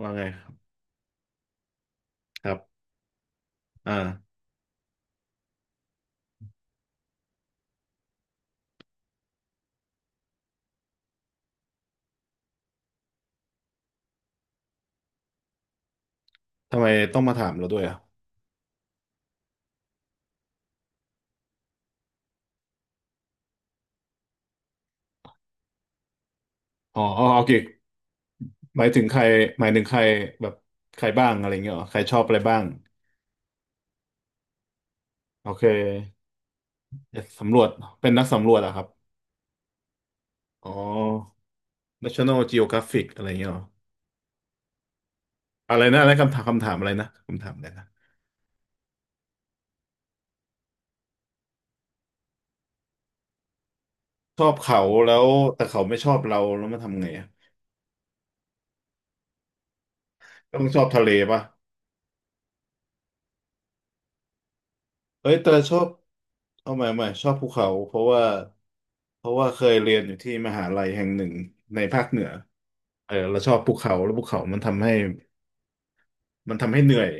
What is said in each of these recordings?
ว่าไงครับอ่าทำไมต้องมาถามเราด้วยอ่ะอ๋ออ๋อโอเคหมายถึงใครหมายถึงใครแบบใครบ้างอะไรเงี้ยเหรอใครชอบอะไรบ้างโอเคอยสำรวจเป็นนักสำรวจเหรอะครับอ๋อ National Geographic อะไรเงี้ยเหรออะไรนะอะไรคำถามอะไรนะคำถามอะไรนะชอบเขาแล้วแต่เขาไม่ชอบเราแล้วมาทำไงอะต้องชอบทะเลป่ะเอ้ยแต่ชอบเอาใหม่ชอบภูเขา เพราะว่าเคยเรียนอยู่ที่มหาลัยแห่งหนึ่งในภาคเหนือ เออเราชอบภูเขาแล้วภูเขามันทำให้มันทำให้เหนื่อย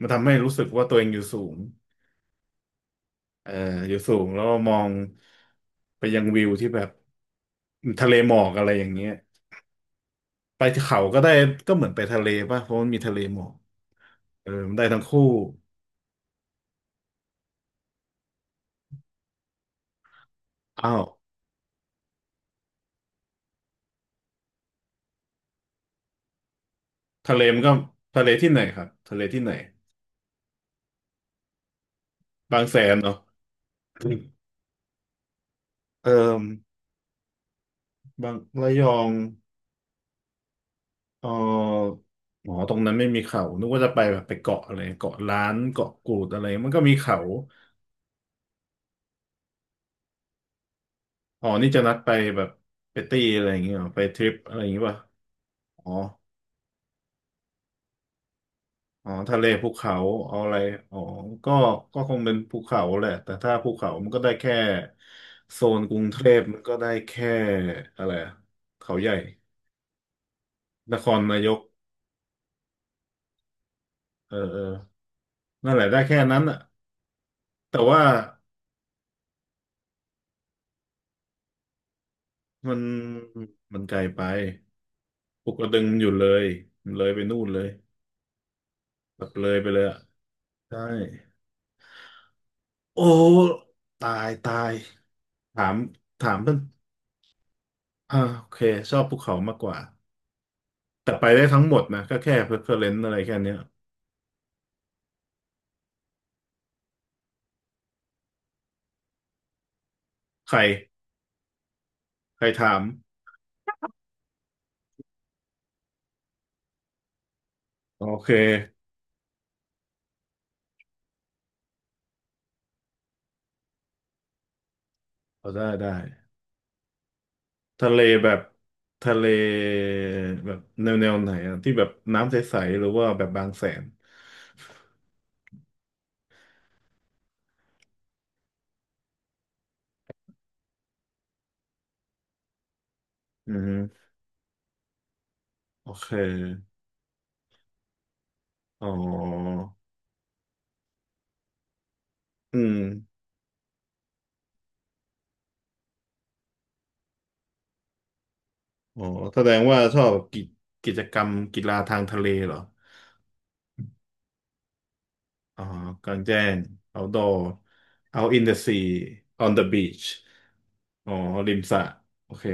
มันทำให้รู้สึกว่าตัวเองอยู่สูงเอออยู่สูงแล้วมองไปยังวิวที่แบบทะเลหมอกอะไรอย่างเงี้ยไปเขาก็ได้ก็เหมือนไปทะเลป่ะเพราะมันมีทะเลหมอกเออมันได้ทั้งคู่อ้าวทะเลมันก็ทะเลที่ไหนครับทะเลที่ไหนบางแสนเนาะเออบางระยอง เออหมอตรงนั้นไม่มีเขา นึกว่าจะไปแบบไปเกาะอะไรเกาะล้านเกาะกูดอะไรมันก็มีเขาอ๋อนี่จะนัดไปแบบไปตีอะไรอย่างเงี้ยเหรอไปทริปอะไรอย่างเงี้ยป่ะอ๋ออ๋อทะเลภูเขาเอาอะไรอ๋อก็ก็คงเป็นภูเขาแหละแต่ถ้าภูเขามันก็ได้แค่โซนกรุงเทพมันก็ได้แค่อะไรอะเขาใหญ่นครนายกเออเออนั่นแหละได้แค่นั้นอะแต่ว่ามันมันไกลไป ปลุกกระดึงมันอยู่เลยมันเลยไปนู่นเลย แบบเลยไปเลยอ่ะใช่ โอ้ตายตาย ถาม ถามเพื่อนอ่าโอเค ชอบภูเขามากกว่า แต่ไปได้ทั้งหมดนะก็แค่เพอร์เฟอเรนซ์อะไรแค่เนี้ยใคร ใครถาม โอเคเอาได้ได้ ทะเลแบบ ทะเลแบบแนวไหนอ่ะที่แบบน้ำใสๆหรือว่าแบบบางแสนอืมโอเค อ๋อ อืม อ๋อแสดงว่าชอบกิจกรรมกีฬาทางทะเลเหรออ๋อกลางแจ้ง outdoor out in the sea on the beach อ๋อริมสระโอเค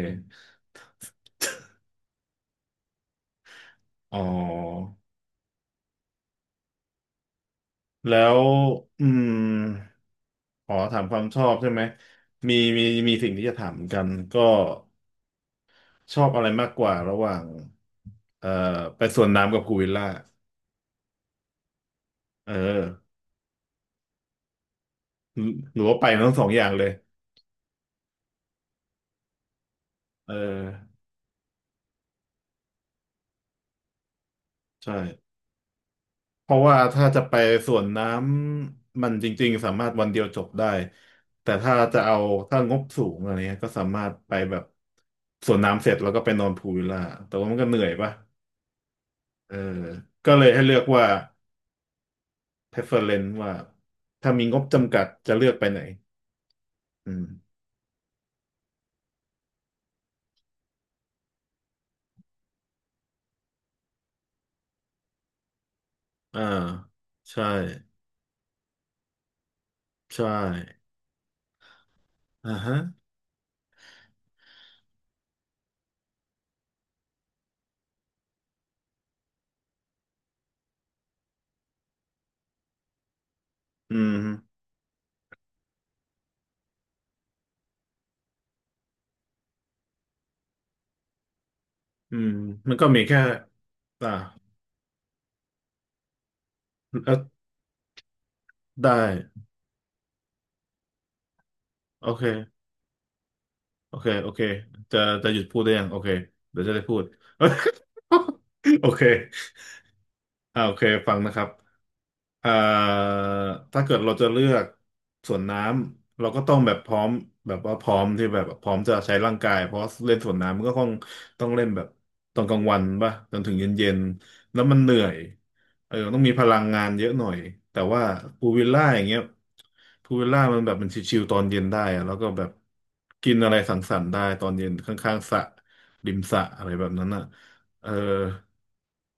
อ๋อแล้วอืมขอถามความชอบใช่ไหม มีสิ่งที่จะถามเหมือนกันก็ชอบอะไรมากกว่าระหว่างเอ่อไปสวนน้ำกับพูลวิลล่าเออหรือว่าไปทั้งสองอย่างเลยเออใช่ เพราะว่าถ้าจะไปสวนน้ำมันจริงๆสามารถวันเดียวจบได้แต่ถ้าจะเอาถ้างบสูงอะไรเงี้ยก็สามารถไปแบบสวนน้ำเสร็จแล้วก็ไปนอนพูลวิลล่าแต่ว่ามันก็เหนื่อยปะเออก็เลยให้เลือกว่า preference ว่าถ้ามีงบจำกัดจะเลือกไปไหนอืมอ่าใช่ใช่อ่าฮะอืมอืมมันก็มีแค่อ่าแล้วได้โอเค โอเค โอเค จะจะหยุดพูดได้ยังโอเค เดี๋ยวจะได้พูด โอเคอ่าโอเคฟังนะครับ เอ่อถ้าเกิดเราจะเลือกสวนน้ำเราก็ต้องแบบพร้อมแบบว่าพร้อมที่แบบพร้อมจะใช้ร่างกายเพราะเล่นสวนน้ำมันก็คงต้องเล่นแบบตอนกลางวันป่ะจนถึงเย็นๆแล้วมันเหนื่อยเออต้องมีพลังงานเยอะหน่อยแต่ว่าพูลวิลล่าอย่างเงี้ยพูลวิลล่ามันแบบมันชิลๆตอนเย็นได้อะแล้วก็แบบกินอะไรสังสรรค์ได้ตอนเย็นข้างๆสระริมสระอะไรแบบนั้นอ่ะ เออ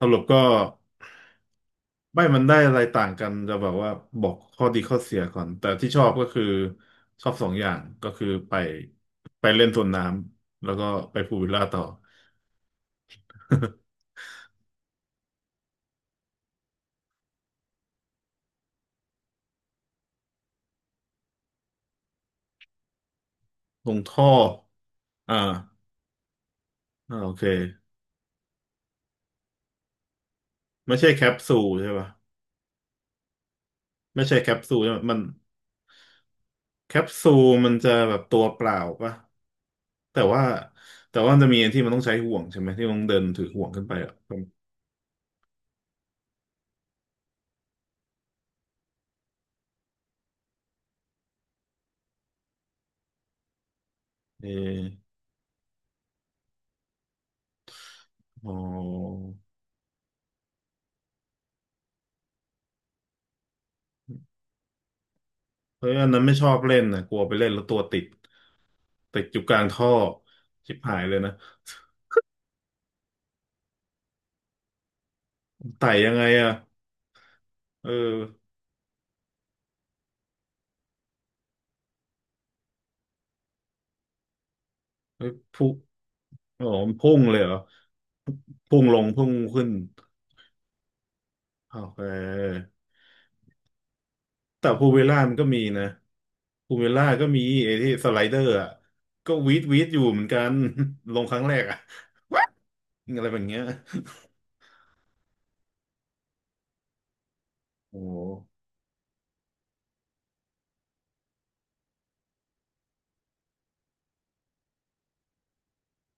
สรุปก็ไม่มันได้อะไรต่างกันจะแบบว่าบอกข้อดีข้อเสียก่อนแต่ที่ชอบก็คือชอบสองอย่างก็คือไปไปเล่นสวนน้ำแล้วก็ไปพูลวิลล่าต่อตรงท่ออ่าอ่าโอเคไม่ใช่แคปซูลใช่ปะไม่ใช่แคปซูลใช่ปะมันแคปซูลมันจะแบบตัวเปล่าปะแต่ว่าแต่ว่ามันจะมีอันที่มันต้องใช้ห่วงใช่ไหมที่มันต้องเดินถือห่วงขึ้นไปอ่ะเอออ๋อ เฮ้ยอันนั้นไม่ชอบเล่นนะกลัวไปเล่นแล้วตัวติดติดอยู่กลางท่อชิบหายเลยนะไต่ยังไงอะเออเฮ้ยพุ่งอ๋อมันพุ่งเลยเหรอพุ่งลงพุ่งขึ้นโอเคแต่พูลวิลล่ามันก็มีนะพูลวิลล่าก็มีไอ้ที่สไลเดอร์อ่ะก็วีดวีดอยู่เหมือนกัน ลงครั้งแรกอะ What? อะไรแบบเนี้ยโอ้โห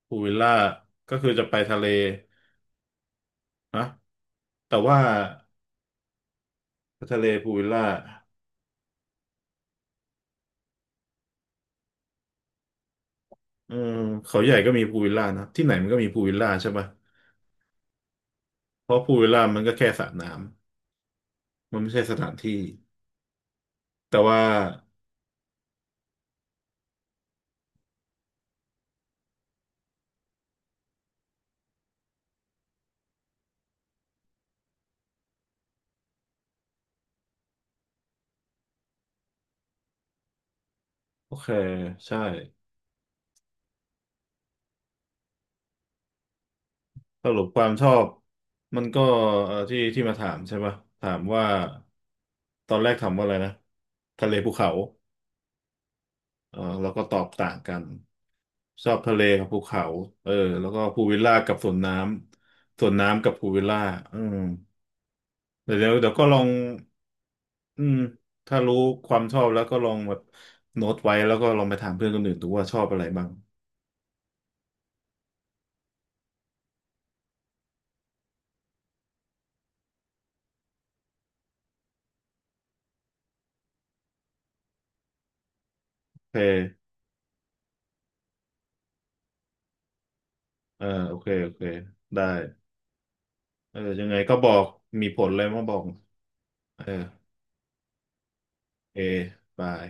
พูลวิลล่าก็คือจะไปทะเลนะแต่ว่าทะเลพูลวิลล่า เออเขาใหญ่ก็มีพูลวิลล่านะที่ไหนมันก็มีพูลวิลล่าใช่ปะเพราะพูลวิลล่ามันก็แค่สระน้ำมันไม่ใช่สถานที่แต่ว่าโอเคใช่สรุปความชอบมันก็ที่ที่มาถามใช่ปะถามว่าตอนแรกถามว่าอะไรนะทะเลภูเขาเออแล้วก็ตอบต่างกันชอบทะเลกับภูเขาเออแล้วก็พูลวิลล่ากับสวนน้ำสวนน้ำกับพูลวิลล่าอืม เดี๋ยวก็ลองอืมถ้ารู้ความชอบแล้วก็ลองแบบโน้ตไว้แล้วก็ลองไปถามเพื่อนคนอื่นดูว่าชอบอะไรบ้างโอเคเออโอเคโอเค ได้เออยังไงก็บอกมีผลเลยมาบอกเออเอบาย